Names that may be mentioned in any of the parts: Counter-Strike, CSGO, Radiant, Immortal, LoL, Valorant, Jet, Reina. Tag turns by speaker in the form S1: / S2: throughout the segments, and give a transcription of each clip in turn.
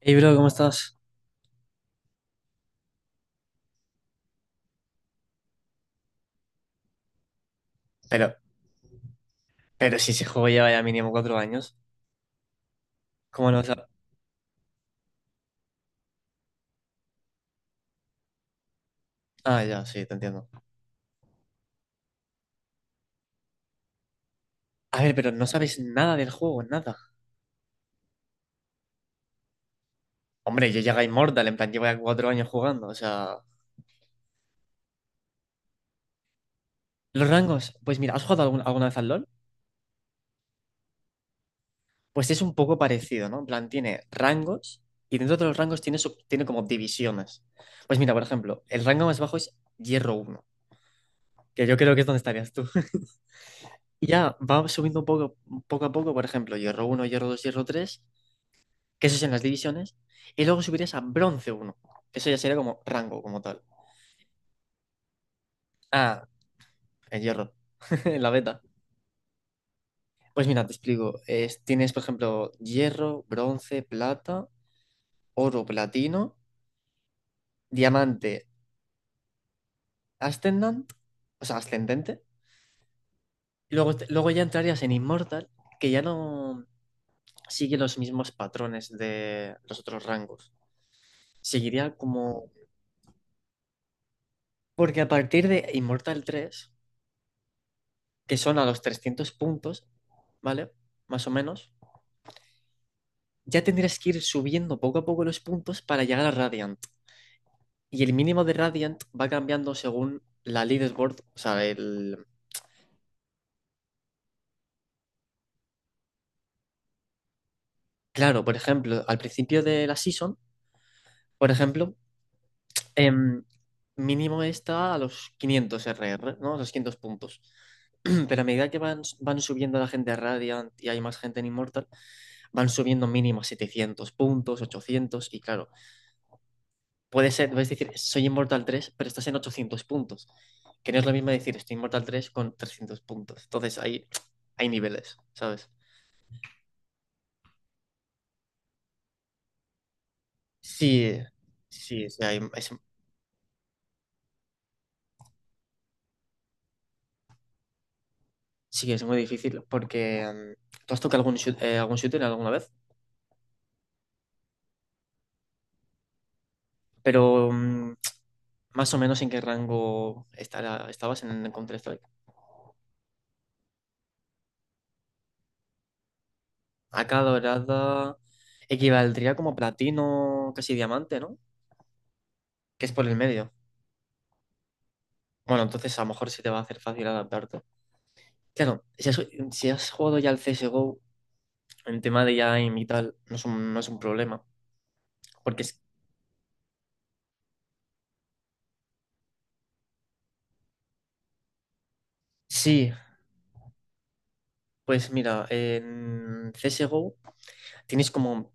S1: Hey, bro, ¿cómo estás? Pero, pero si ese juego lleva ya mínimo 4 años. ¿Cómo no sabes? Ah, ya, sí, te entiendo. A ver, pero no sabes nada del juego, nada. Hombre, yo llegué a Immortal, en plan, llevo ya 4 años jugando, o sea... Los rangos, pues mira, ¿has jugado alguna vez al LoL? Pues es un poco parecido, ¿no? En plan, tiene rangos, y dentro de los rangos tiene, tiene como divisiones. Pues mira, por ejemplo, el rango más bajo es Hierro uno, que yo creo que es donde estarías tú. Y ya va subiendo un poco, poco a poco, por ejemplo, Hierro uno, Hierro 2, Hierro tres, que eso es en las divisiones, y luego subirías a bronce uno, que eso ya sería como rango como tal. Ah, el hierro, en la beta. Pues mira, te explico. Tienes, por ejemplo, hierro, bronce, plata, oro, platino, diamante, ascendant, o sea, ascendente. Y luego, luego ya entrarías en Immortal, que ya no sigue los mismos patrones de los otros rangos. Seguiría como... Porque a partir de Immortal tres, que son a los 300 puntos, ¿vale? Más o menos. Ya tendrías que ir subiendo poco a poco los puntos para llegar a Radiant. Y el mínimo de Radiant va cambiando según la leaderboard, o sea, el... Claro, por ejemplo, al principio de la season, por ejemplo, em, mínimo está a los 500 RR, ¿no? A los 500 puntos. Pero a medida que van subiendo la gente a Radiant y hay más gente en Immortal, van subiendo mínimo a 700 puntos, 800, y claro, puede ser, puedes decir, soy Inmortal 3, pero estás en 800 puntos. Que no es lo mismo decir, estoy Inmortal 3 con 300 puntos. Entonces, hay niveles, ¿sabes? Sí, sí, sí, sí, es muy difícil, porque tú has tocado algún, algún shooter alguna vez. Pero más o menos en qué rango estabas en Counter-Strike. Acá dorada equivaldría como platino, casi diamante, ¿no? Que es por el medio. Bueno, entonces a lo mejor sí te va a hacer fácil adaptarte. Claro, si has jugado ya al CSGO, en tema de ya aim y tal, no es un, no es un problema. Porque es- sí, pues mira, en CSGO tienes como,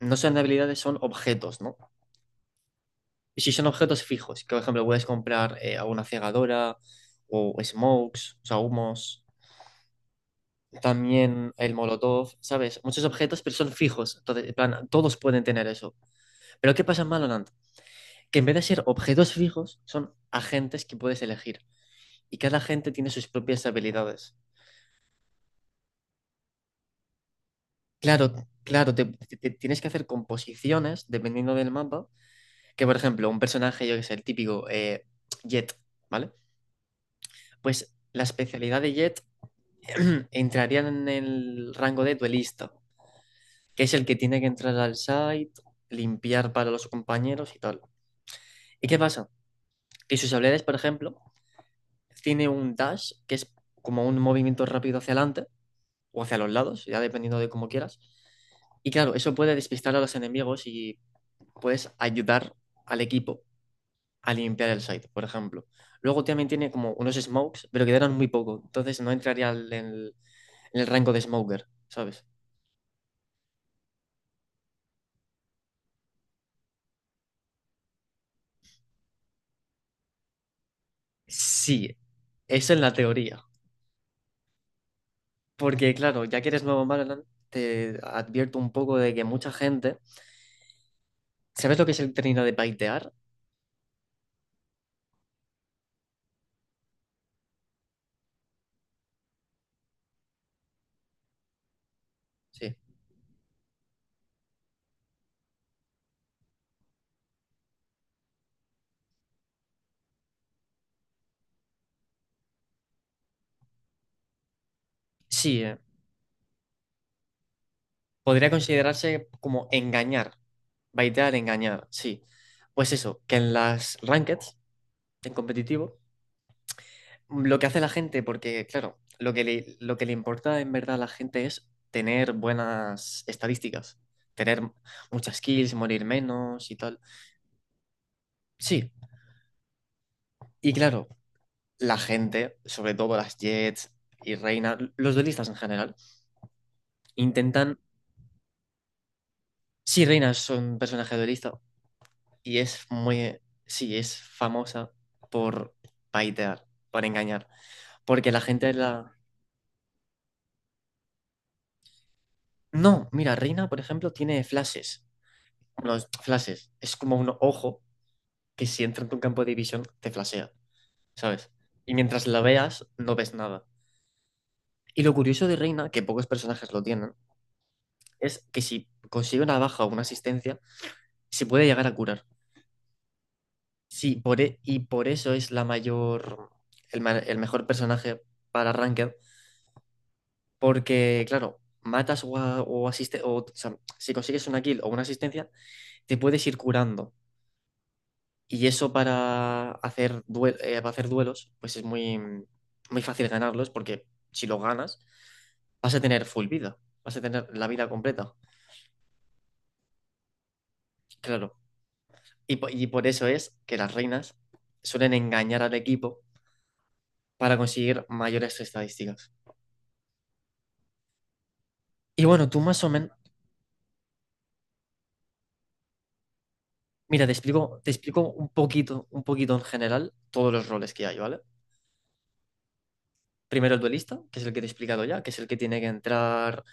S1: no son habilidades, son objetos, ¿no? Y si son objetos fijos, que por ejemplo puedes comprar alguna cegadora o smokes, o sea, humos, también el molotov, ¿sabes? Muchos objetos, pero son fijos. Entonces, en plan, todos pueden tener eso. Pero ¿qué pasa en Valorant? Que en vez de ser objetos fijos, son agentes que puedes elegir, y cada gente tiene sus propias habilidades. Claro, claro, te tienes que hacer composiciones dependiendo del mapa, que por ejemplo, un personaje, yo que sé, el típico Jet, ¿vale? Pues la especialidad de Jet entraría en el rango de duelista, que es el que tiene que entrar al site, limpiar para los compañeros y tal. ¿Y qué pasa? Que sus habilidades, por ejemplo, tiene un dash, que es como un movimiento rápido hacia adelante, o hacia los lados, ya dependiendo de cómo quieras. Y claro, eso puede despistar a los enemigos, y puedes ayudar al equipo a limpiar el site, por ejemplo. Luego también tiene como unos smokes, pero quedaron muy poco, entonces no entraría en el, en el rango de smoker, ¿sabes? Sí, eso en la teoría. Porque claro, ya que eres nuevo en Valorant, te advierto un poco de que mucha gente... ¿Sabes lo que es el término de baitear? Sí. Sí, podría considerarse como engañar. Baitear, engañar, sí. Pues eso, que en las rankeds, en competitivo, lo que hace la gente, porque claro, lo que le importa en verdad a la gente es tener buenas estadísticas, tener muchas kills, morir menos y tal. Sí, y claro, la gente, sobre todo las Jets y Reina, los duelistas en general, intentan... Sí, Reina son un personaje duelista, y es muy, sí, es famosa por paitear, por engañar, porque la gente la... No, mira, Reina, por ejemplo, tiene flashes, unos flashes, es como un ojo que si entra en tu campo de visión te flashea, ¿sabes? Y mientras la veas, no ves nada. Y lo curioso de Reina, que pocos personajes lo tienen, es que si consigue una baja o una asistencia, se puede llegar a curar. Sí, y por eso es la mayor, el mejor personaje para Ranked. Porque, claro, matas o, a- o asiste- o sea, si consigues una kill o una asistencia, te puedes ir curando. Y eso para hacer, para hacer duelos, pues es muy, muy fácil ganarlos, porque si lo ganas, vas a tener full vida, vas a tener la vida completa. Claro. Y, y por eso es que las reinas suelen engañar al equipo para conseguir mayores estadísticas. Y bueno, tú más o menos, mira, te explico un poquito en general todos los roles que hay, ¿vale? Primero el duelista, que es el que te he explicado ya, que es el que tiene que entrar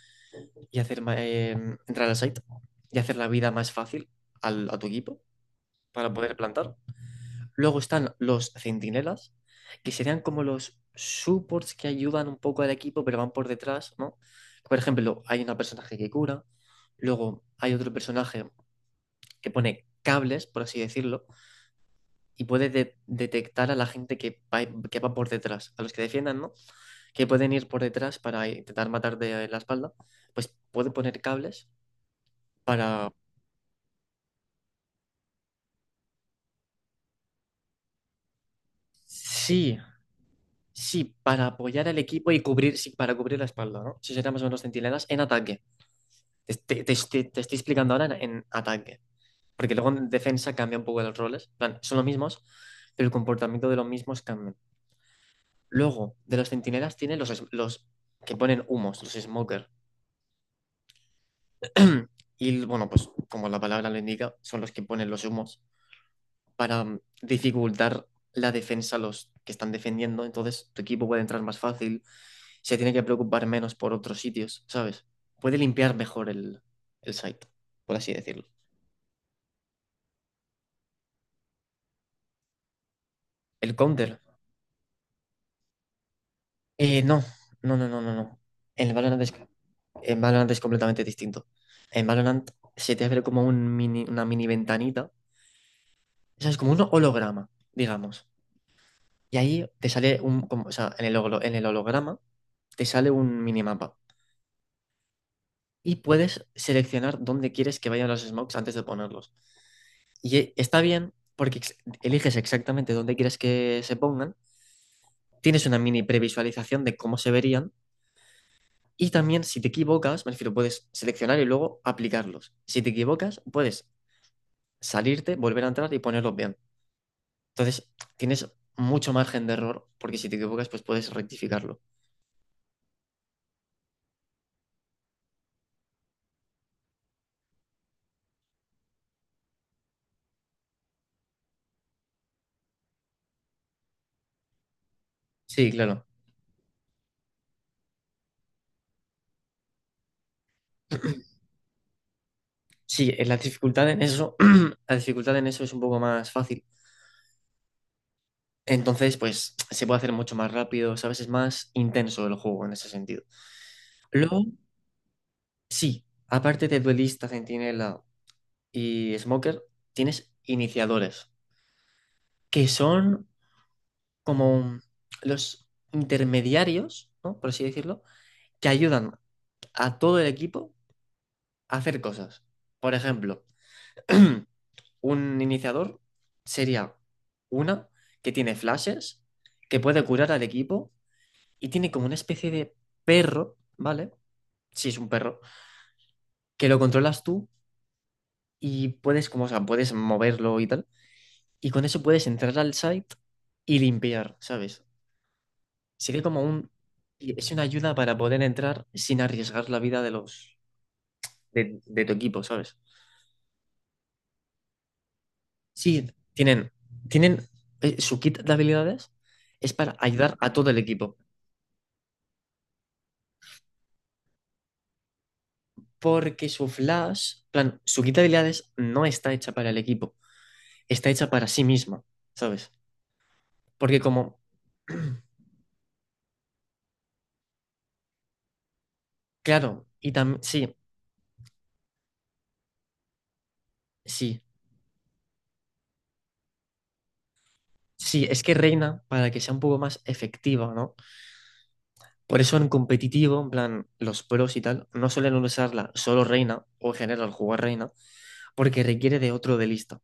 S1: y hacer entrar al site y hacer la vida más fácil a tu equipo para poder plantar. Luego están los centinelas, que serían como los supports que ayudan un poco al equipo, pero van por detrás, ¿no? Por ejemplo, hay un personaje que cura, luego hay otro personaje que pone cables, por así decirlo, y puede detectar a la gente que va por detrás, a los que defiendan, ¿no? Que pueden ir por detrás para intentar matar de la espalda, pues puede poner cables para, sí, sí, para apoyar al equipo y cubrir, sí, para cubrir la espalda, ¿no? Eso serían más o menos centinelas en ataque. Te estoy explicando ahora en ataque, porque luego en defensa cambia un poco los roles, en plan, son los mismos, pero el comportamiento de los mismos cambia. Luego, de los centinelas tienen los, los que ponen humos, los smokers. Y bueno, pues como la palabra lo indica, son los que ponen los humos para dificultar la defensa a los que están defendiendo, entonces tu equipo puede entrar más fácil, se tiene que preocupar menos por otros sitios, ¿sabes? Puede limpiar mejor el site, por así decirlo. ¿El counter? No, no, no, no, no, no. En el Valorant es, en Valorant es completamente distinto. En Valorant se te abre como un mini, una mini ventanita, o sea, es como un holograma, digamos. Y ahí te sale un, o sea, en el, en el holograma te sale un minimapa, y puedes seleccionar dónde quieres que vayan los smokes antes de ponerlos. Y está bien porque eliges exactamente dónde quieres que se pongan, tienes una mini previsualización de cómo se verían, y también si te equivocas, me refiero, puedes seleccionar y luego aplicarlos. Si te equivocas, puedes salirte, volver a entrar y ponerlos bien. Entonces, tienes mucho margen de error, porque si te equivocas, pues puedes rectificarlo. Sí, claro. Sí, la dificultad en eso, la dificultad en eso es un poco más fácil. Entonces, pues se puede hacer mucho más rápido, ¿sabes? Es más intenso el juego en ese sentido. Luego, sí, aparte de duelista, centinela y smoker, tienes iniciadores, que son como los intermediarios, ¿no? Por así decirlo, que ayudan a todo el equipo a hacer cosas. Por ejemplo, un iniciador sería una que tiene flashes, que puede curar al equipo y tiene como una especie de perro, ¿vale? si es un perro, que lo controlas tú y puedes, como, o sea, puedes moverlo y tal. Y con eso puedes entrar al site y limpiar, ¿sabes? Sería como un... Es una ayuda para poder entrar sin arriesgar la vida de los... de tu equipo, ¿sabes? Sí, tienen... tienen su kit de habilidades es para ayudar a todo el equipo. Porque su flash, plan, su kit de habilidades no está hecha para el equipo, está hecha para sí misma, ¿sabes? Porque como... Claro, y también... Sí, sí, es que Reina, para que sea un poco más efectiva, ¿no? Por eso en competitivo, en plan, los pros y tal, no suelen usarla solo Reina, o en general jugar Reina, porque requiere de otro duelista.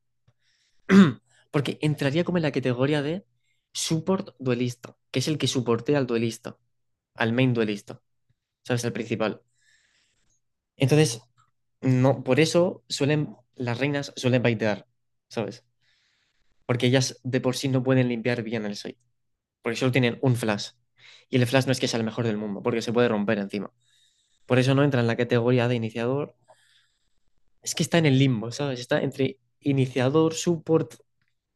S1: Porque entraría como en la categoría de support duelista, que es el que soportea al duelista, al main duelista, ¿sabes? Al principal. Entonces, no, por eso suelen, las reinas suelen baitear, ¿sabes? Porque ellas de por sí no pueden limpiar bien el site, porque solo tienen un flash. Y el flash no es que sea el mejor del mundo, porque se puede romper encima. Por eso no entra en la categoría de iniciador. Es que está en el limbo, ¿sabes? Está entre iniciador, support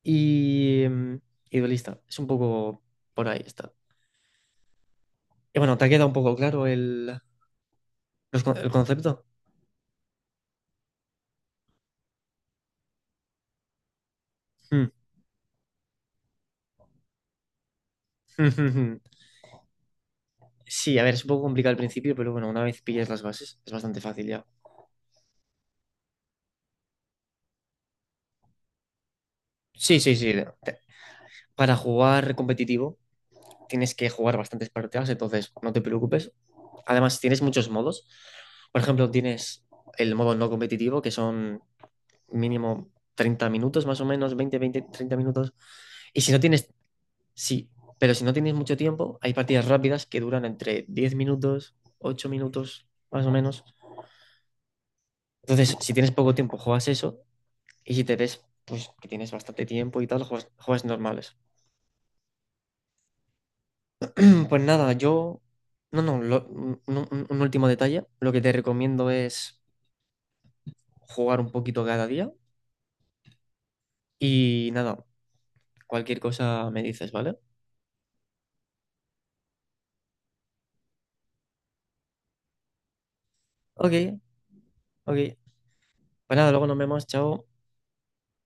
S1: y, y duelista. Es un poco por ahí está. Y bueno, ¿te ha quedado un poco claro el concepto? Mm. Sí, a ver, es un poco complicado al principio, pero bueno, una vez pillas las bases, es bastante fácil ya. Sí, sí, sí. Para jugar competitivo tienes que jugar bastantes partidas, entonces no te preocupes. Además, tienes muchos modos. Por ejemplo, tienes el modo no competitivo, que son mínimo 30 minutos más o menos, 20, 20, 30 minutos. Y si no tienes, sí, pero si no tienes mucho tiempo, hay partidas rápidas que duran entre 10 minutos, 8 minutos más o menos. Entonces, si tienes poco tiempo, juegas eso. Y si te ves, pues que tienes bastante tiempo y tal, juegas, juegas normales. Pues nada, yo... No, no, un último detalle. Lo que te recomiendo es jugar un poquito cada día y nada, cualquier cosa me dices, ¿vale? Ok, ok. Pues nada, luego nos vemos, chao.